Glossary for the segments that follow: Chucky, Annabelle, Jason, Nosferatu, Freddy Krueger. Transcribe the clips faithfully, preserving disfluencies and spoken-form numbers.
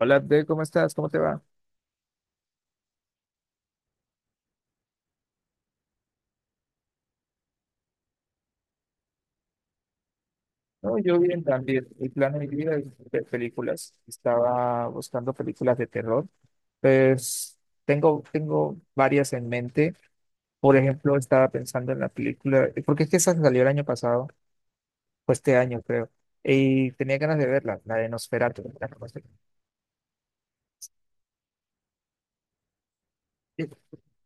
Hola, Abdel, ¿cómo estás? ¿Cómo te va? No, yo bien también. El plan de mi vida es ver películas. Estaba buscando películas de terror. Pues tengo, tengo varias en mente. Por ejemplo, estaba pensando en la película, porque es que esa salió el año pasado, o este año creo, y tenía ganas de verla, la de Nosferatu. ¿La conoces?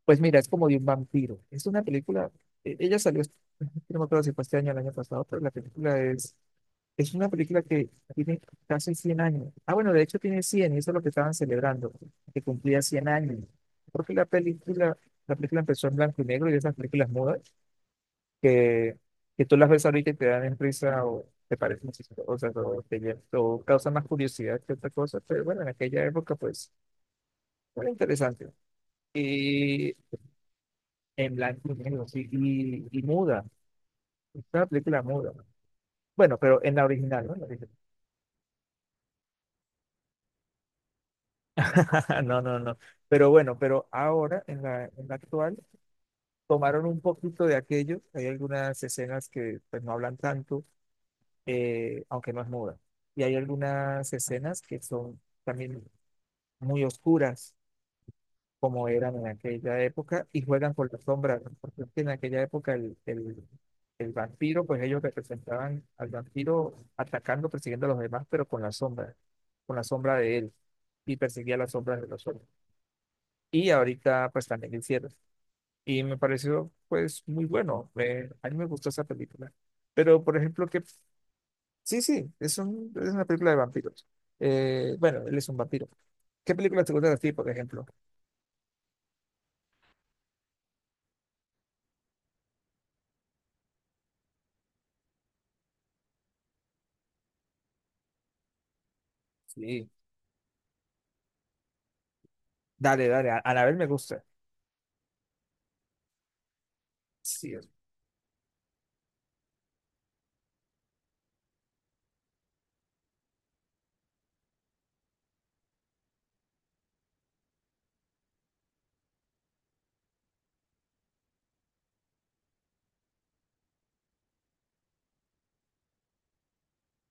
Pues mira, es como de un vampiro. Es una película, e- ella salió, este- no me acuerdo si fue este año o el año pasado, pero la película es, es una película que tiene casi cien años. Ah, bueno, de hecho tiene cien y eso es lo que estaban celebrando, que cumplía cien años. Porque la película, la película empezó en blanco y negro y esas películas mudas que, que tú las ves ahorita y te dan en risa o te parecen chistosas o, te, lle- o causan más curiosidad que otra cosa. Pero bueno, en aquella época pues era interesante. En blanco y negro, sí, y, y muda. Es una película muda. Bueno, pero en la original, ¿no? En la original. No, no, no. Pero bueno, pero ahora, en la, en la actual, tomaron un poquito de aquello. Hay algunas escenas que pues, no hablan tanto, eh, aunque no es muda. Y hay algunas escenas que son también muy oscuras. Como eran en aquella época y juegan con las sombras, ¿no? Porque es que en aquella época el, el, el vampiro, pues ellos representaban al vampiro atacando, persiguiendo a los demás, pero con la sombra, con la sombra de él y perseguía las sombras de los otros. Y ahorita pues también lo hicieron. Y me pareció pues muy bueno, me- a mí me gustó esa película. Pero por ejemplo que, sí, sí, es, un- es una película de vampiros. Eh, bueno, él es un vampiro. ¿Qué película te gusta de ti, por ejemplo? Sí. Dale, dale, a Anabel me gusta. Sí. es-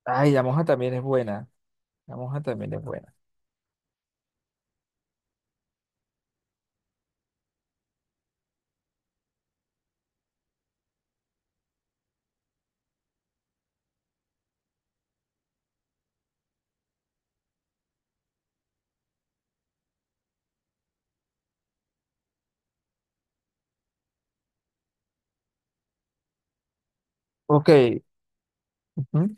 Ay, la moja también es buena. La moja también es buena. Ok. Ujú.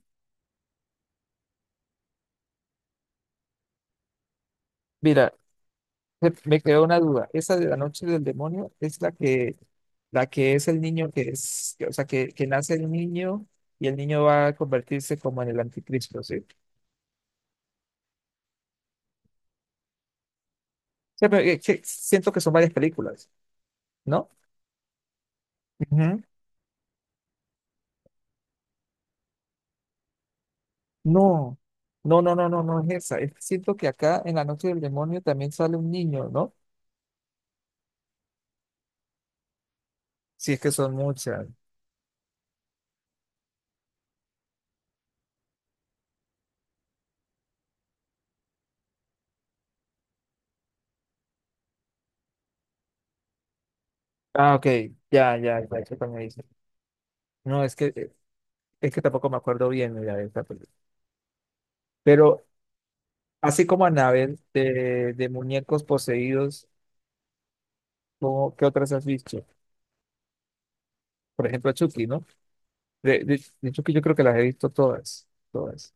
Mira, se- me quedó una duda. Esa de la noche del demonio es la que, la que es el niño que es, que- o sea, que, que nace el niño y el niño va a convertirse como en el anticristo, ¿sí? Sí, pero, eh, que siento que son varias películas, ¿no? Ujú. No, no, no, no, no, no es esa. Es que siento que acá en la noche del demonio también sale un niño, ¿no? Si es que son muchas. Ah, ok, ya, ya, ya, eso también dice. No, es que eh, es que tampoco me acuerdo bien, mira, de esta película. Pero así como Annabelle, de, de muñecos poseídos, ¿cómo- ¿qué otras has visto? Por ejemplo, Chucky, ¿no? De, de, de Chucky yo creo que las he visto todas, todas.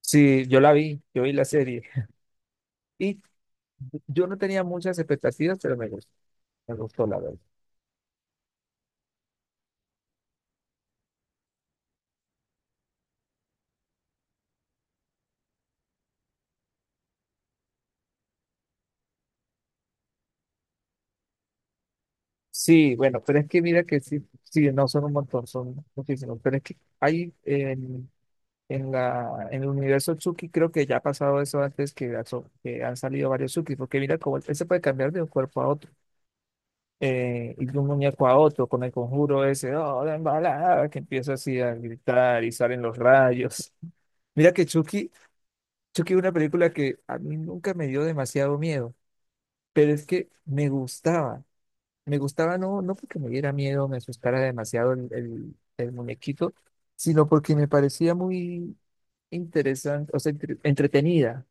Sí, yo la vi, yo vi la serie. Y yo no tenía muchas expectativas, pero me gustó, me gustó la verdad. Sí, bueno, pero es que mira que sí, sí, no son un montón, son muchísimos. Pero es que hay, eh, en la, en el universo Tsuki creo que ya ha pasado eso antes que, ha so- que han salido varios Tsuki, porque mira cómo él se puede cambiar de un cuerpo a otro, eh, y de un muñeco a otro, con el conjuro ese, oh, la embalada, que empieza así a gritar y salen los rayos. Mira que Chucky Chucky es una película que a mí nunca me dio demasiado miedo, pero es que me gustaba, me gustaba no, no porque me diera miedo, me asustara demasiado el, el el muñequito, sino porque me parecía muy interesante, o sea, entre- entretenida.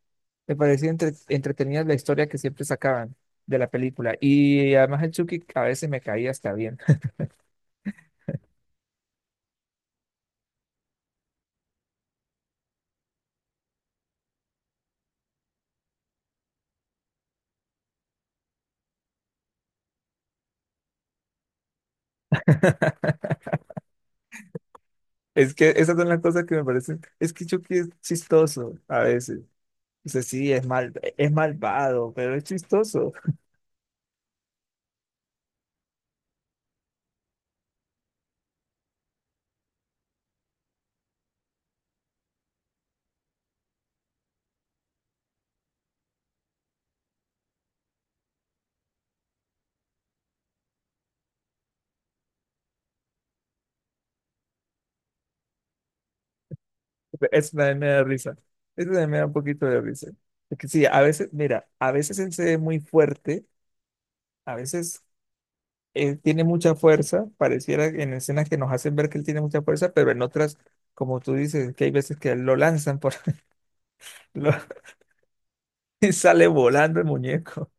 Me parecía entre- entretenida la historia que siempre sacaban de la película. Y además el Chucky a veces me caía hasta bien. Es que esas son las cosas que me parecen. Es que Chucky es chistoso a veces. O sea, sí, es mal, es malvado, pero es chistoso. Eso también me da risa. Eso también me da un poquito de risa. Es que sí, a veces, mira, a veces él se ve muy fuerte, a veces él tiene mucha fuerza, pareciera que en escenas que nos hacen ver que él tiene mucha fuerza, pero en otras, como tú dices, que hay veces que lo lanzan por lo- y sale volando el muñeco.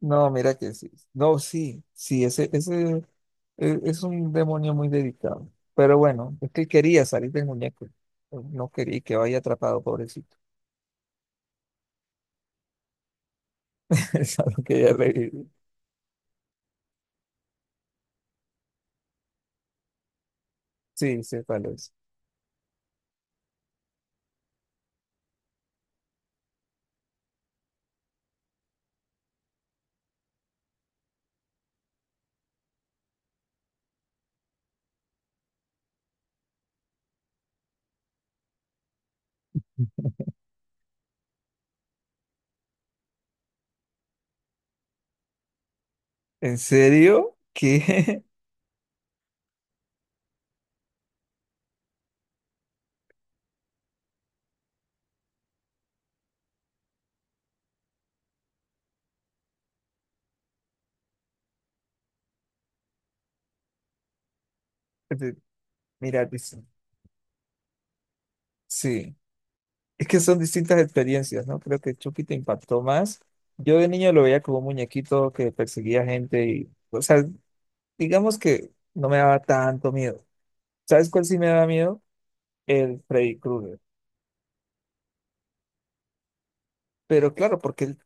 No, mira que sí. No, sí, sí, ese, ese eh, es un demonio muy dedicado. Pero bueno, es que él quería salir del muñeco. No quería que vaya atrapado, pobrecito. Eso es lo que ella le- dice. Sí, sí, cuál es. ¿En serio? ¿Qué? Mira, dice. Sí. Es que son distintas experiencias, ¿no? Creo que Chucky te impactó más. Yo de niño lo veía como un muñequito que perseguía gente y, o sea, digamos que no me daba tanto miedo. ¿Sabes cuál sí me daba miedo? El Freddy Krueger. Pero claro, porque él-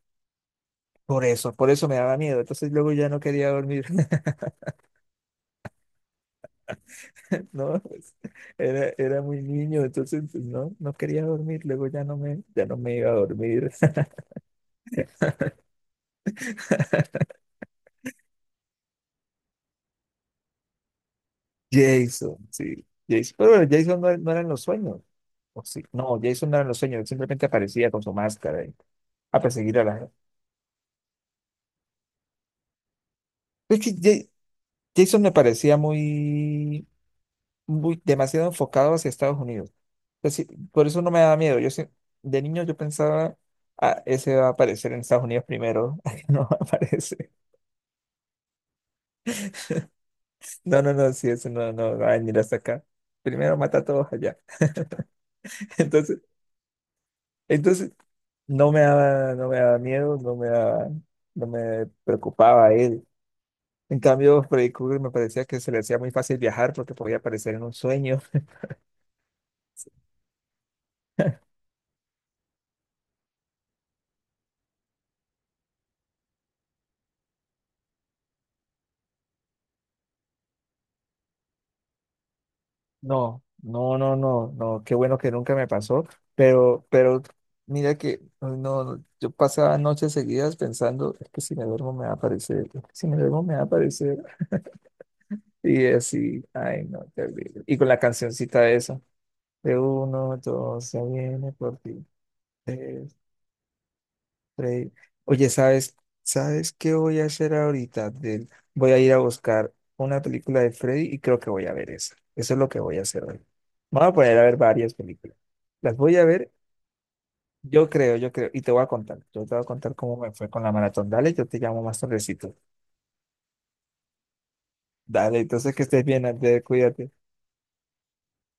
por eso, por eso me daba miedo. Entonces luego ya no quería dormir, ¿no? Pues, era, era muy niño, entonces pues, no, no quería dormir. Luego ya no me, ya no me iba a dormir. Jason, sí, Jason. Pero bueno, Jason no, no eran los sueños. O sí, no, Jason no eran los sueños, él simplemente aparecía con su máscara y- a perseguir a la gente. Es que Ja- Jason me parecía muy, muy demasiado enfocado hacia Estados Unidos. Entonces, sí, por eso no me daba miedo. Yo sí- de niño yo pensaba, ah, ese va a aparecer en Estados Unidos primero. No aparece. No, no, no, sí, ese no, no va a venir hasta acá. Primero mata a todos allá. Entonces, entonces no me daba, no me daba miedo, no me daba- no me preocupaba él. En cambio, Freddy Krueger me parecía que se le hacía muy fácil viajar porque podía aparecer en un sueño. No, no, no, no, no, qué bueno que nunca me pasó, pero, pero mira que ay, no, yo pasaba noches seguidas pensando, es que si me duermo me va a aparecer, es que si me duermo me va a aparecer, y así, ay no, terrible. Y con la cancioncita esa, de uno, dos, se viene por ti. Freddy. Oye, ¿sabes? ¿Sabes qué voy a hacer ahorita? Del- Voy a ir a buscar una película de Freddy y creo que voy a ver esa. Eso es lo que voy a hacer hoy. Me voy a poner a ver varias películas. Las voy a ver, yo creo, yo creo. Y te voy a contar. Yo te voy a contar cómo me fue con la maratón. Dale, yo te llamo más tardecito. Dale, entonces que estés bien, Andrés, cuídate.